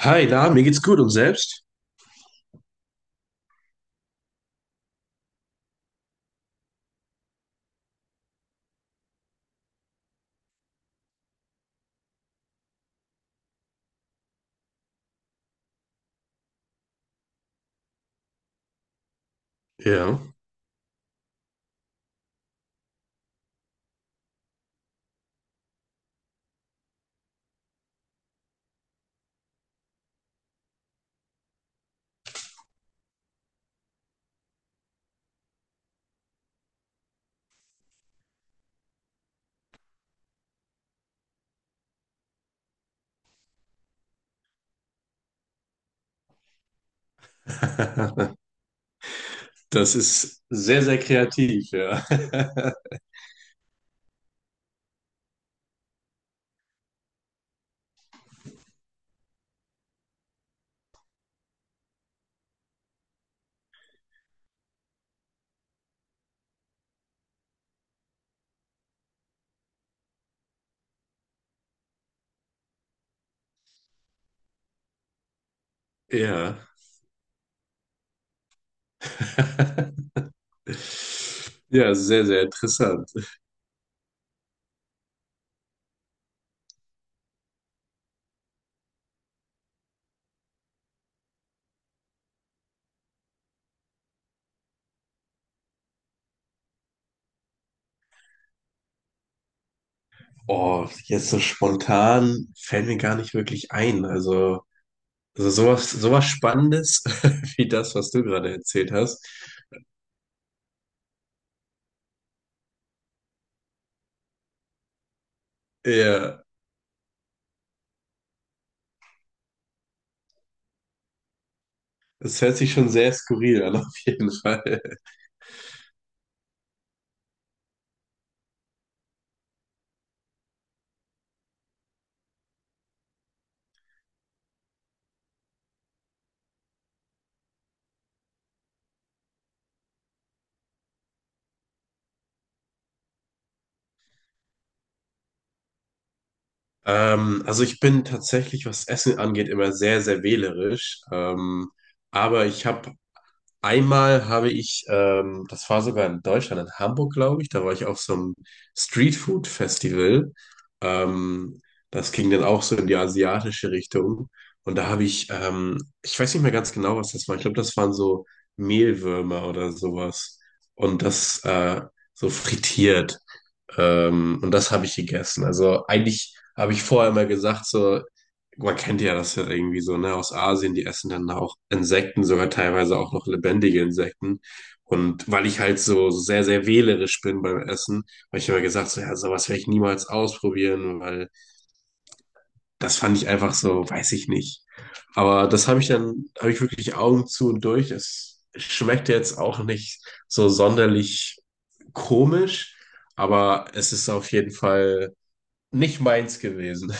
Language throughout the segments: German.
Hi, na, mir geht's gut und selbst? Ja, das ist sehr, sehr kreativ, ja. Ja. Ja, sehr, sehr interessant. Oh, jetzt so spontan fällt mir gar nicht wirklich ein. Also sowas, sowas Spannendes wie das, was du gerade erzählt hast. Ja, es hört sich schon sehr skurril an, auf jeden Fall. Also ich bin tatsächlich, was Essen angeht, immer sehr, sehr wählerisch. Aber ich habe einmal habe ich, das war sogar in Deutschland, in Hamburg, glaube ich, da war ich auf so einem Streetfood-Festival. Ähm, Das ging dann auch so in die asiatische Richtung. Und da habe ich, ich weiß nicht mehr ganz genau, was das war. Ich glaube, das waren so Mehlwürmer oder sowas. Und das so frittiert. Und das habe ich gegessen. Also eigentlich habe ich vorher mal gesagt, so, man kennt ja das ja irgendwie so, ne, aus Asien, die essen dann auch Insekten, sogar teilweise auch noch lebendige Insekten. Und weil ich halt so sehr, sehr wählerisch bin beim Essen, habe ich immer gesagt, so, ja, sowas werde ich niemals ausprobieren, weil das fand ich einfach so, weiß ich nicht. Aber das habe ich dann, habe ich wirklich Augen zu und durch. Es schmeckt jetzt auch nicht so sonderlich komisch, aber es ist auf jeden Fall nicht meins gewesen.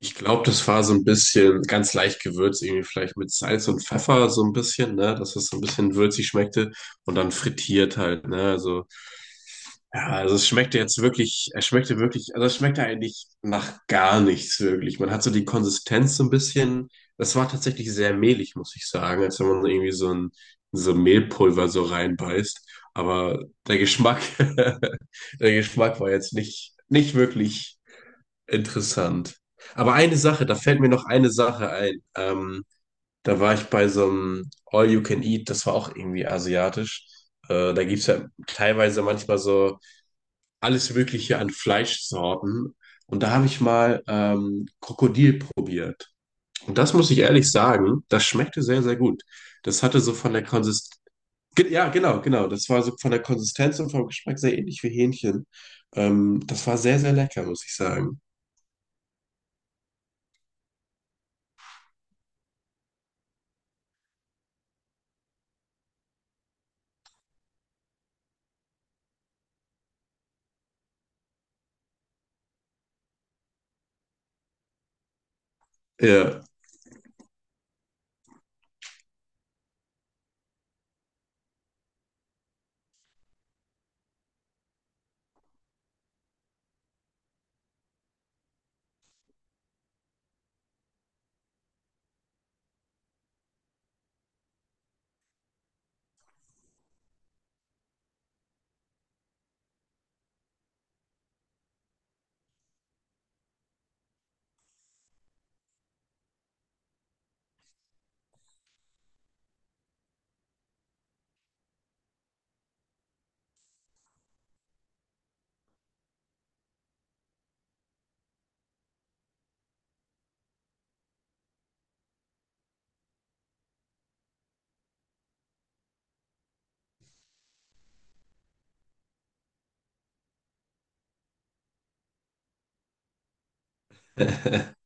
Ich glaube, das war so ein bisschen ganz leicht gewürzt, irgendwie vielleicht mit Salz und Pfeffer so ein bisschen, ne, dass es so ein bisschen würzig schmeckte und dann frittiert halt, ne, also ja, also es schmeckte jetzt wirklich, es schmeckte wirklich, also es schmeckte eigentlich nach gar nichts wirklich. Man hat so die Konsistenz so ein bisschen, das war tatsächlich sehr mehlig, muss ich sagen, als wenn man irgendwie so ein so Mehlpulver so reinbeißt, aber der Geschmack der Geschmack war jetzt nicht wirklich interessant. Aber eine Sache, da fällt mir noch eine Sache ein. Da war ich bei so einem All You Can Eat, das war auch irgendwie asiatisch. Da gibt es ja teilweise manchmal so alles Mögliche an Fleischsorten. Und da habe ich mal Krokodil probiert. Und das muss ich ehrlich sagen, das schmeckte sehr, sehr gut. Das hatte so von der Konsistenz, ja, genau, genau. Das war so von der Konsistenz und vom Geschmack sehr ähnlich wie Hähnchen. Das war sehr, sehr lecker, muss ich sagen. Ja.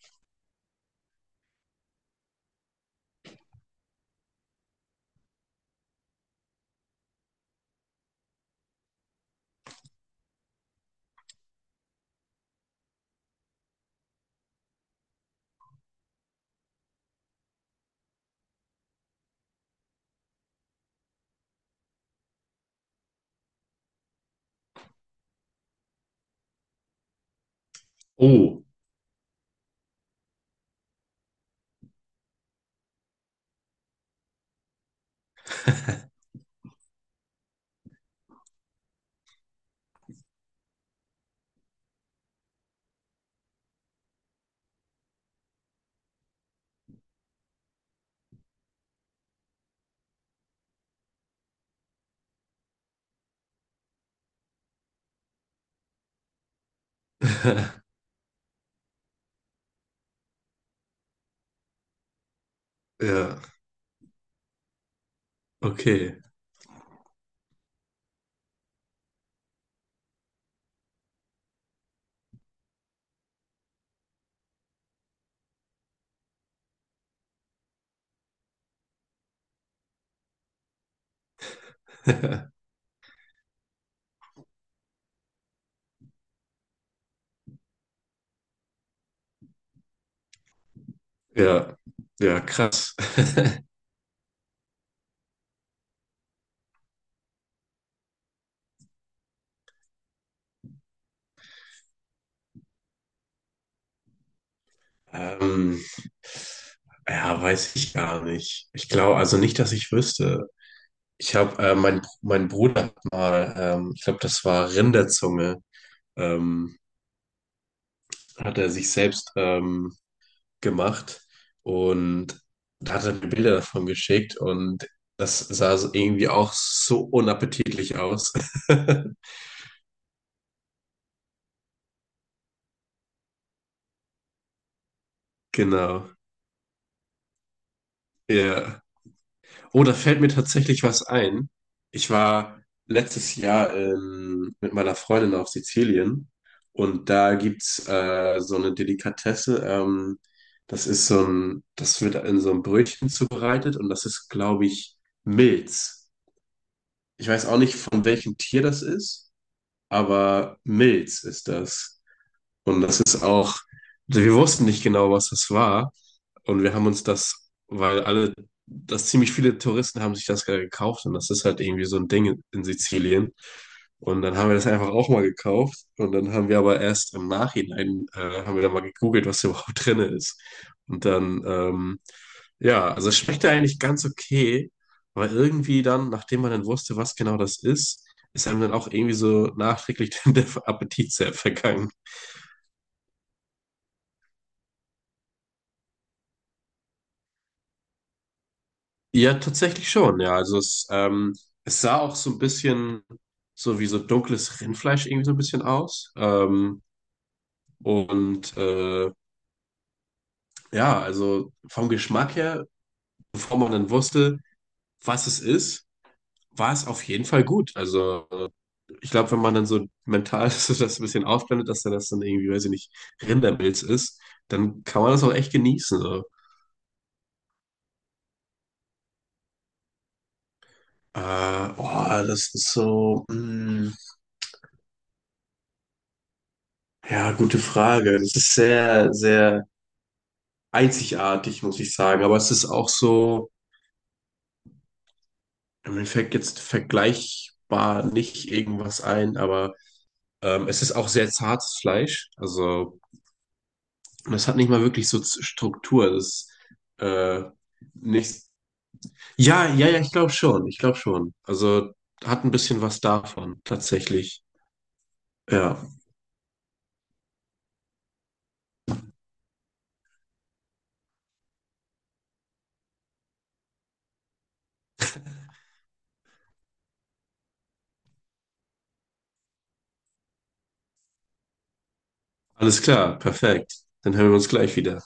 Oh. Ja, okay. Ja, ja, krass. Ähm, ja, weiß ich gar nicht. Ich glaube, also nicht, dass ich wüsste. Ich habe, mein Bruder hat mal, ich glaube, das war Rinderzunge, ähm, hat er sich selbst gemacht und da hat er mir Bilder davon geschickt und das sah so irgendwie auch so unappetitlich aus. Genau. Ja. Oh, da fällt mir tatsächlich was ein. Ich war letztes Jahr mit meiner Freundin auf Sizilien und da gibt's so eine Delikatesse. Das ist so ein, das wird in so einem Brötchen zubereitet und das ist, glaube ich, Milz. Ich weiß auch nicht, von welchem Tier das ist, aber Milz ist das. Und das ist auch, also wir wussten nicht genau, was das war. Und wir haben uns das, weil alle, dass ziemlich viele Touristen haben sich das gerade gekauft. Und das ist halt irgendwie so ein Ding in Sizilien. Und dann haben wir das einfach auch mal gekauft. Und dann haben wir aber erst im Nachhinein, haben wir dann mal gegoogelt, was da überhaupt drin ist. Und dann, ja, also es schmeckte eigentlich ganz okay. Aber irgendwie dann, nachdem man dann wusste, was genau das ist, ist einem dann auch irgendwie so nachträglich der Appetit sehr vergangen. Ja, tatsächlich schon, ja. Also es, es sah auch so ein bisschen so wie so dunkles Rindfleisch irgendwie so ein bisschen aus. Und ja, also vom Geschmack her, bevor man dann wusste, was es ist, war es auf jeden Fall gut. Also ich glaube, wenn man dann so mental so das ein bisschen ausblendet, dass dann das dann irgendwie, weiß ich nicht, Rindermilz ist, dann kann man das auch echt genießen. So. Äh, oh, das ist so, mh, ja, gute Frage. Das ist sehr, sehr einzigartig, muss ich sagen. Aber es ist auch so, mir fällt jetzt vergleichbar nicht irgendwas ein, aber es ist auch sehr zartes Fleisch. Also es hat nicht mal wirklich so Z- Struktur. Das äh, nicht. Ja, ja, ja, ich glaube schon. Ich glaube schon. Also hat ein bisschen was davon, tatsächlich. Ja, alles klar, perfekt. Dann hören wir uns gleich wieder.